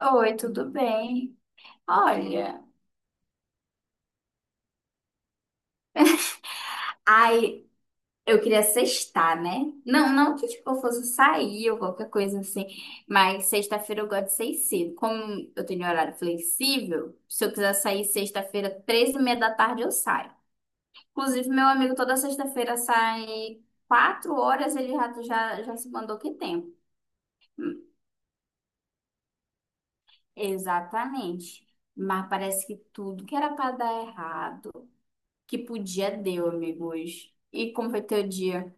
Oi, tudo bem? Olha, ai, eu queria sextar, né? Não, não que tipo, eu fosse sair ou qualquer coisa assim, mas sexta-feira eu gosto de sair cedo. Como eu tenho horário flexível, se eu quiser sair sexta-feira, três e meia da tarde, eu saio. Inclusive, meu amigo toda sexta-feira sai 4 horas, ele já se mandou que tempo. Exatamente. Mas parece que tudo que era para dar errado, que podia, deu, amigo, hoje. E como foi teu dia?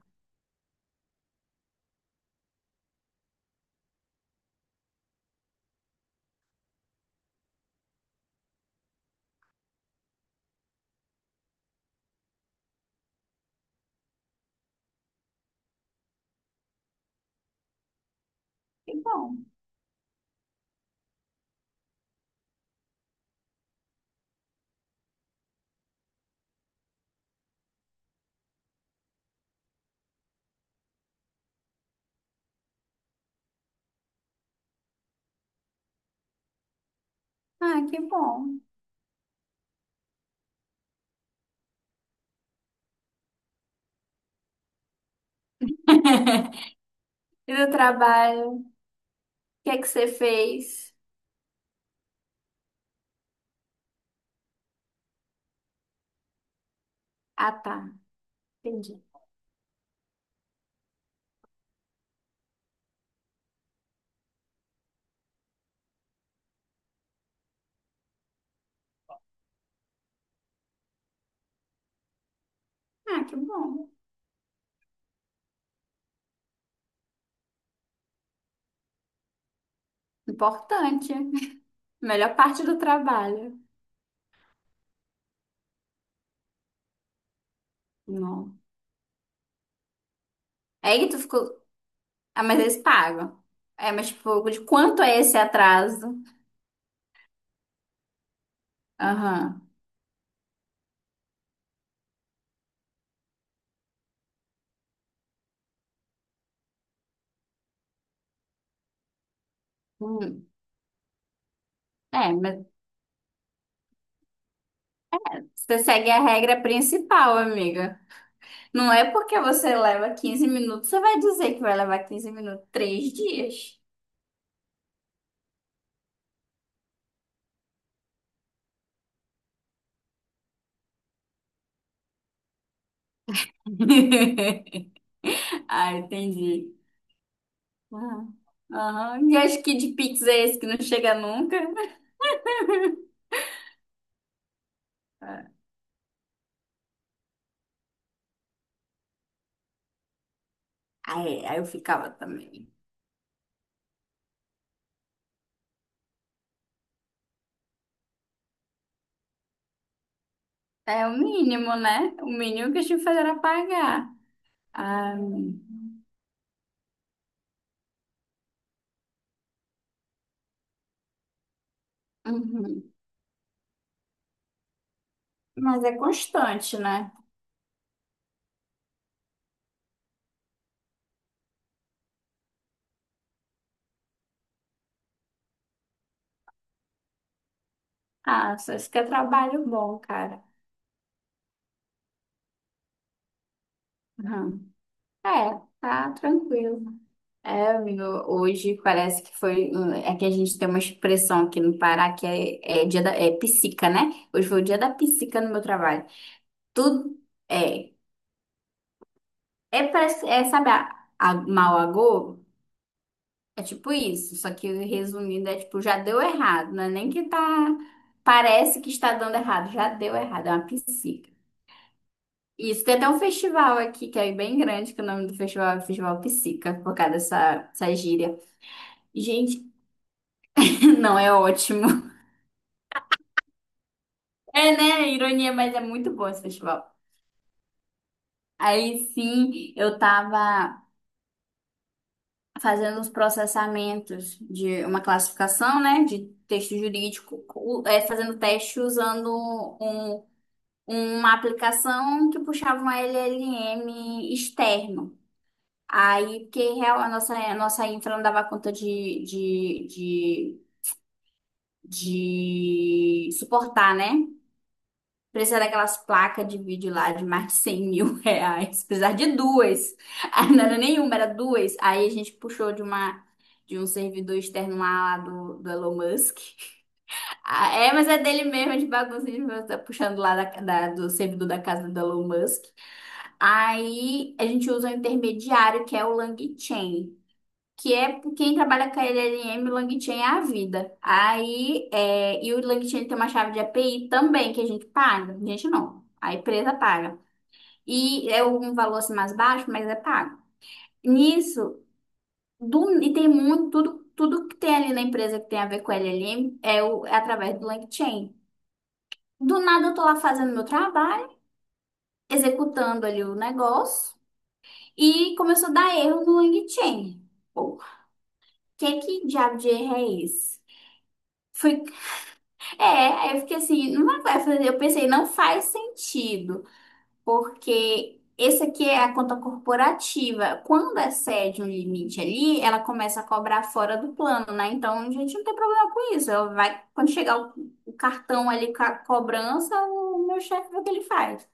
Que bom. Ah, que bom. E do trabalho, o que é que você fez? Ah, tá. Entendi. Ah, que bom. Importante. Melhor parte do trabalho. Não. Aí tu ficou. Ah, mas eles pagam. É, mas tipo, de quanto é esse atraso? Aham. Hum. É, mas você segue a regra principal, amiga. Não é porque você leva 15 minutos, você vai dizer que vai levar 15 minutos, 3 dias. Ah, entendi. Aham. Aham. E acho que de Pix é esse que não chega nunca. É. Aí, aí eu ficava também. É o mínimo, né? O mínimo que a gente faz era pagar. Ah, uhum. Mas é constante, né? Ah, só isso que é trabalho bom, cara. Uhum. É, tá tranquilo. É, amigo, hoje parece que foi. É que a gente tem uma expressão aqui no Pará que é, é dia da. É psica, né? Hoje foi o dia da psica no meu trabalho. Tudo. É, É, parece, é, sabe, a Malagô? É tipo isso, só que resumindo, é tipo, já deu errado, não é nem que tá. Parece que está dando errado, já deu errado, é uma psica. Isso, tem até um festival aqui, que é bem grande, que o nome do festival é Festival Psica, por causa dessa gíria. Gente, não é ótimo. É, né? Ironia, mas é muito bom esse festival. Aí sim, eu tava. Fazendo os processamentos de uma classificação, né, de texto jurídico, o- é, fazendo teste usando um- uma aplicação que puxava um LLM externo. Aí, porque real, a nossa infra não dava conta de suportar, né? Precisar daquelas placas de vídeo lá de mais de 100 mil reais. Precisar de duas. Aí não era nenhuma, era duas. Aí a gente puxou de uma de um servidor externo lá, lá do Elon Musk. Ah, é, mas é dele mesmo, de bagunça, tá puxando lá da, da- do servidor da casa do Elon Musk. Aí a gente usa um intermediário, que é o LangChain, que é quem trabalha com a LLM, o LangChain é a vida. Aí, é, e o LangChain tem uma chave de API também que a gente paga. A gente não, a empresa paga. E é um valor assim, mais baixo, mas é pago. Nisso, do- e tem muito, tudo, tudo que tem ali na empresa que tem a ver com LLM é, o, é através do LangChain. Do nada eu tô lá fazendo meu trabalho, executando ali o negócio, e começou a dar erro no LangChain. Pô, que diabo de erro é esse? Fui. É, aí eu fiquei assim, não vai fazer. Eu pensei, não faz sentido, porque esse aqui é a conta corporativa. Quando excede um limite ali, ela começa a cobrar fora do plano, né? Então a gente não tem problema com isso. Ela vai, quando chegar o cartão ali com a cobrança, o meu chefe vê o que ele faz.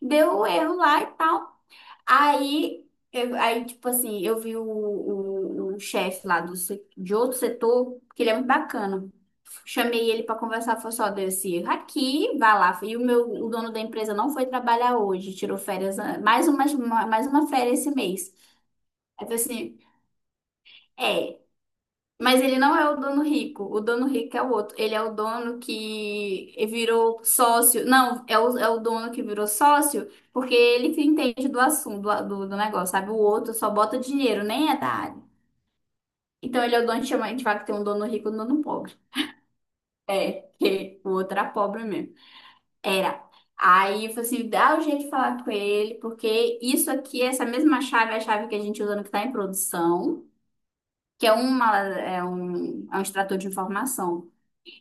Deu erro lá e tal. Aí, eu, aí, tipo assim, eu vi o chefe lá do, se- de outro setor, que ele é muito bacana. Chamei ele para conversar, foi só desse aqui, vá lá. E o meu, o dono da empresa não foi trabalhar hoje, tirou férias, ah, mais uma férias esse mês. Aí eu falei assim, é. Mas ele não é o dono rico. O dono rico é o outro. Ele é o dono que virou sócio. Não, é o dono que virou sócio porque ele que entende do assunto, do, do negócio, sabe? O outro só bota dinheiro, nem é da área. Então ele é o dono que chama, a gente fala que tem um dono rico e um dono pobre. É, porque o outro era pobre mesmo. Era. Aí eu falei assim, dá o jeito de falar com ele, porque isso aqui, essa mesma chave, é a chave que a gente usa no que está em produção, que é, uma, é um extrator de informação.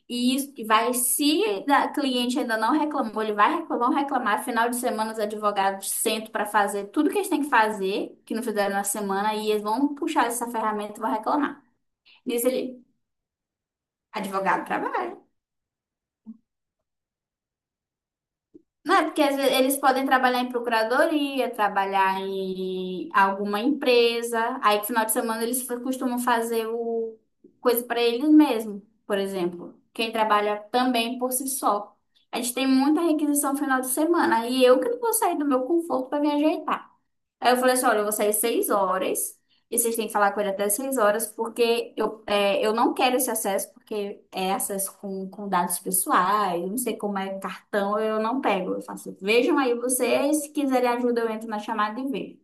E isso que vai, se da cliente ainda não reclamou, ele vai reclamar, vão reclamar. Final de semana, os advogados sentam para fazer tudo que eles têm que fazer, que não fizeram na semana, e eles vão puxar essa ferramenta e vão reclamar. Diz ele, advogado trabalha. Não é porque às vezes eles podem trabalhar em procuradoria, trabalhar em alguma empresa. Aí, no final de semana, eles fa- costumam fazer o coisa para eles mesmos, por exemplo. Quem trabalha também por si só. A gente tem muita requisição final de semana. E eu que não vou sair do meu conforto para me ajeitar. Aí eu falei assim, olha, eu vou sair 6 horas e vocês têm que falar com ele até 6 horas porque eu, é, eu não quero esse acesso porque é acesso com dados pessoais, não sei como é cartão, eu não pego. Eu faço, vejam aí vocês, se quiserem ajuda eu entro na chamada e vejo.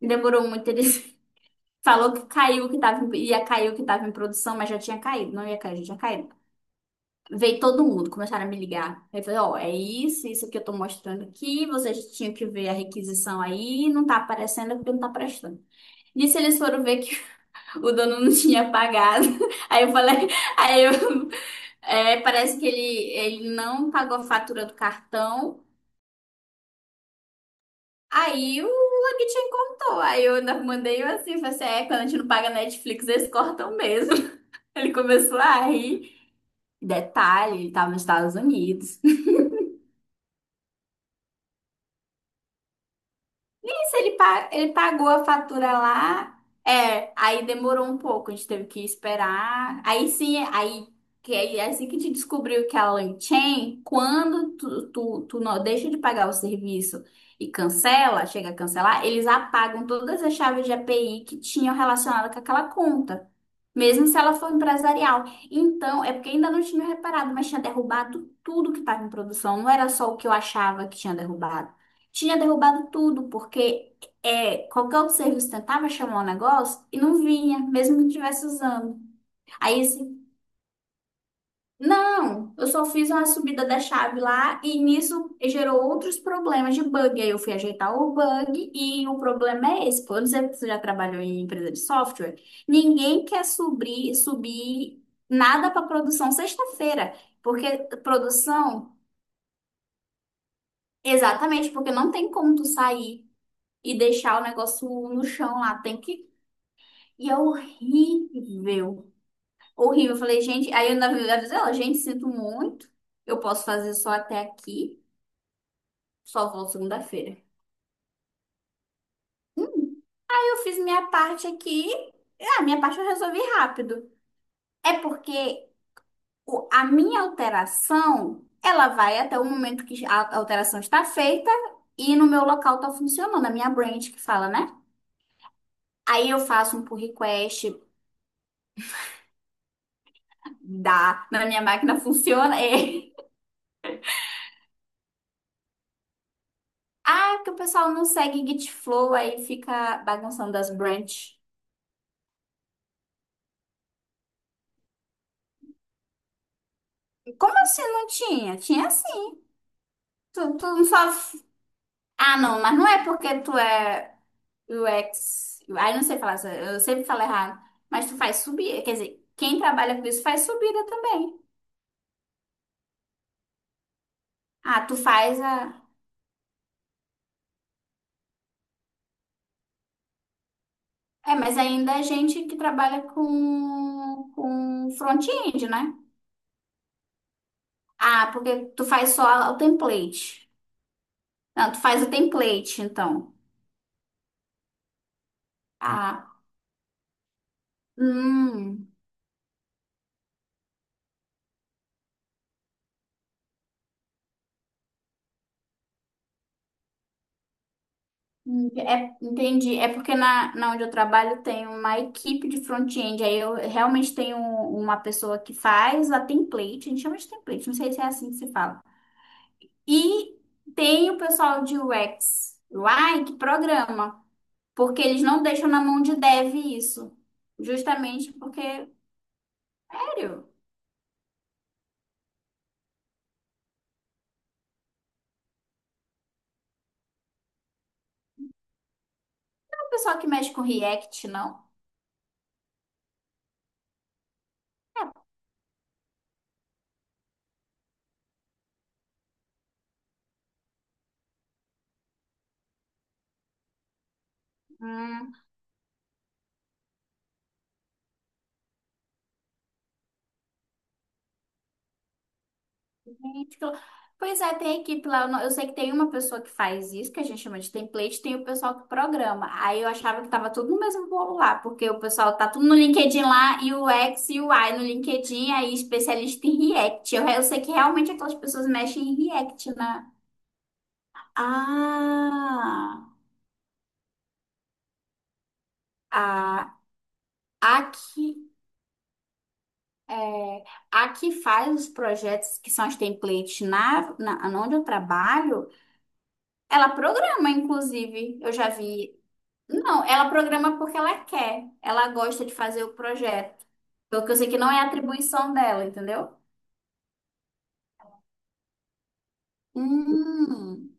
Demorou muito, ele falou que caiu, que tava, em- ia cair o que estava em produção, mas já tinha caído, não ia cair, já tinha caído. Veio todo mundo, começaram a me ligar. Aí eu falei, ó, é isso, isso que eu tô mostrando aqui, vocês tinham que ver a requisição aí, não tá aparecendo é porque não tá prestando. E se eles foram ver que o dono não tinha pagado? Aí eu falei, aí eu, é, parece que ele não pagou a fatura do cartão. Aí o Logitech contou. Aí eu ainda mandei assim, falei assim, é, quando a gente não paga Netflix, eles cortam mesmo. Ele começou a rir. Detalhe, ele tava nos Estados Unidos. Mas ele, pa- ele pagou a fatura lá. É, aí demorou um pouco, a gente teve que esperar. Aí sim, aí que aí é assim que a gente descobriu que a Lanchain, quando tu não deixa de pagar o serviço e cancela, chega a cancelar, eles apagam todas as chaves de API que tinham relacionado com aquela conta. Mesmo se ela for empresarial. Então, é porque ainda não tinha reparado, mas tinha derrubado tudo que estava em produção. Não era só o que eu achava que tinha derrubado. Tinha derrubado tudo, porque é, qualquer outro serviço tentava chamar o negócio e não vinha, mesmo que estivesse usando. Aí, esse não, eu só fiz uma subida da chave lá e nisso gerou outros problemas de bug. Aí eu fui ajeitar o bug e o problema é esse. Pô, eu não sei se você já trabalhou em empresa de software. Ninguém quer subir nada para produção sexta-feira, porque produção, exatamente, porque não tem como tu sair e deixar o negócio no chão lá, tem que. E é horrível. Horrível. Eu falei, gente, aí eu ainda vi ela, dizer, ó, gente, sinto muito. Eu posso fazer só até aqui. Só vou segunda-feira. Aí eu fiz minha parte aqui. A minha parte eu resolvi rápido. É porque o- a minha alteração, ela vai até o momento que a alteração está feita e no meu local está funcionando, a minha branch que fala, né? Aí eu faço um pull request, dá, na minha máquina funciona. é. Ah, que o pessoal não segue Git Flow, aí fica bagunçando as branches. Como assim não tinha? Tinha sim. Tu não só. Ah, não, mas não é porque tu é. U X, aí não sei falar, essa- eu sempre falo errado. Mas tu faz subir, quer dizer, quem trabalha com isso faz subida também. Ah, tu faz a. É, mas ainda é gente que trabalha com front-end, né? Ah, porque tu faz só o template. Não, tu faz o template, então. Ah, hum. É, entendi. É porque na onde eu trabalho tem uma equipe de front-end. Aí eu realmente tenho uma pessoa que faz a template. A gente chama de template, não sei se é assim que se fala. E tem o pessoal de UX, UI, que programa. Porque eles não deixam na mão de dev isso. Justamente porque, sério, não é o pessoal que mexe com React, não? Hum. Gente, que lou-. Pois é, tem equipe lá. Eu não- eu sei que tem uma pessoa que faz isso, que a gente chama de template, tem o pessoal que programa. Aí eu achava que tava tudo no mesmo bolo lá, porque o pessoal tá tudo no LinkedIn lá, e o X e o Y no LinkedIn, aí especialista em React. Eu sei que realmente aquelas pessoas mexem em React, né? Ah, a, a que, é, a que faz os projetos que são os templates onde eu trabalho, ela programa, inclusive. Eu já vi. Não, ela programa porque ela quer. Ela gosta de fazer o projeto. Porque eu sei que não é atribuição dela, entendeu? Hum.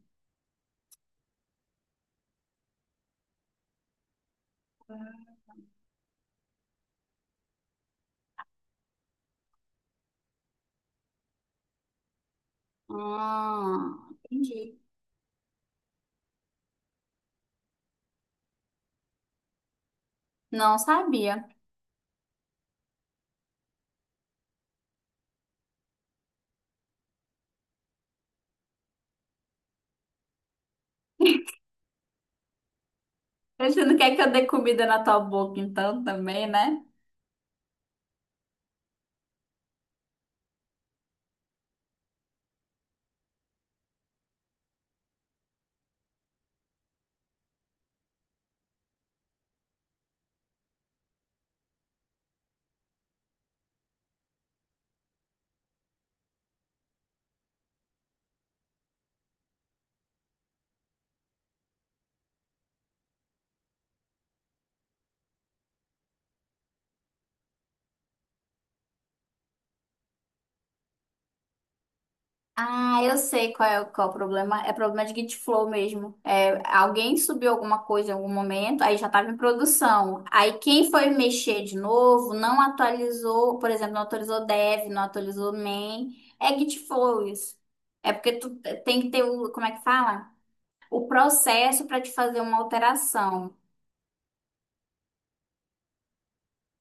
Ah, entendi. Não sabia. Você não quer que eu dê comida na tua boca, então, também, né? Ah, eu sei qual é o problema. É problema de Git Flow mesmo. É, alguém subiu alguma coisa em algum momento, aí já estava em produção. Aí quem foi mexer de novo não atualizou, por exemplo, não atualizou dev, não atualizou main. É Git Flow isso. É porque tu tem que ter o, como é que fala? O processo para te fazer uma alteração.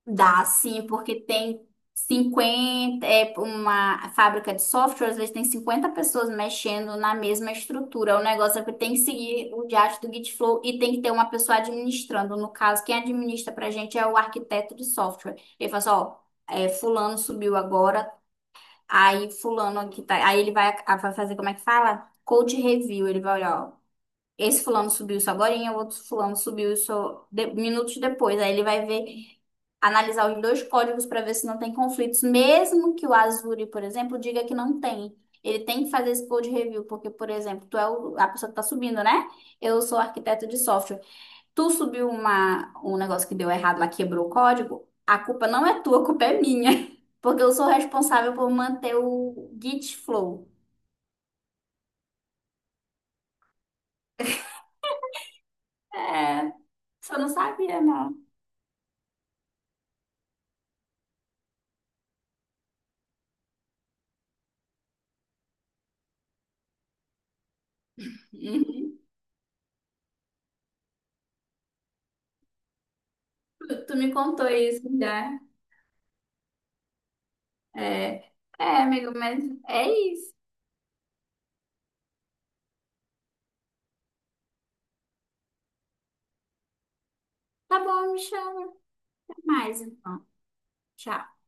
Dá sim, porque tem 50 é uma fábrica de softwares, eles têm 50 pessoas mexendo na mesma estrutura. O negócio é que tem que seguir o diacho do Gitflow e tem que ter uma pessoa administrando. No caso, quem administra pra gente é o arquiteto de software. Ele fala assim, ó, é, fulano subiu agora, aí fulano aqui tá, aí ele vai, vai fazer como é que fala? Code review, ele vai olhar, ó, esse fulano subiu isso agorinha, o outro fulano subiu isso de- minutos depois. Aí ele vai ver, analisar os dois códigos para ver se não tem conflitos, mesmo que o Azure, por exemplo, diga que não tem. Ele tem que fazer esse code review, porque, por exemplo, tu é o- a pessoa que tá subindo, né? Eu sou arquiteto de software. Tu subiu uma, um negócio que deu errado lá, quebrou o código, a culpa não é tua, a culpa é minha. Porque eu sou responsável por manter o Git flow. É, você não sabia, não. Tu, tu me contou isso já. É, é, amigo, mas é isso. Tá bom, me chama mais então. Tchau.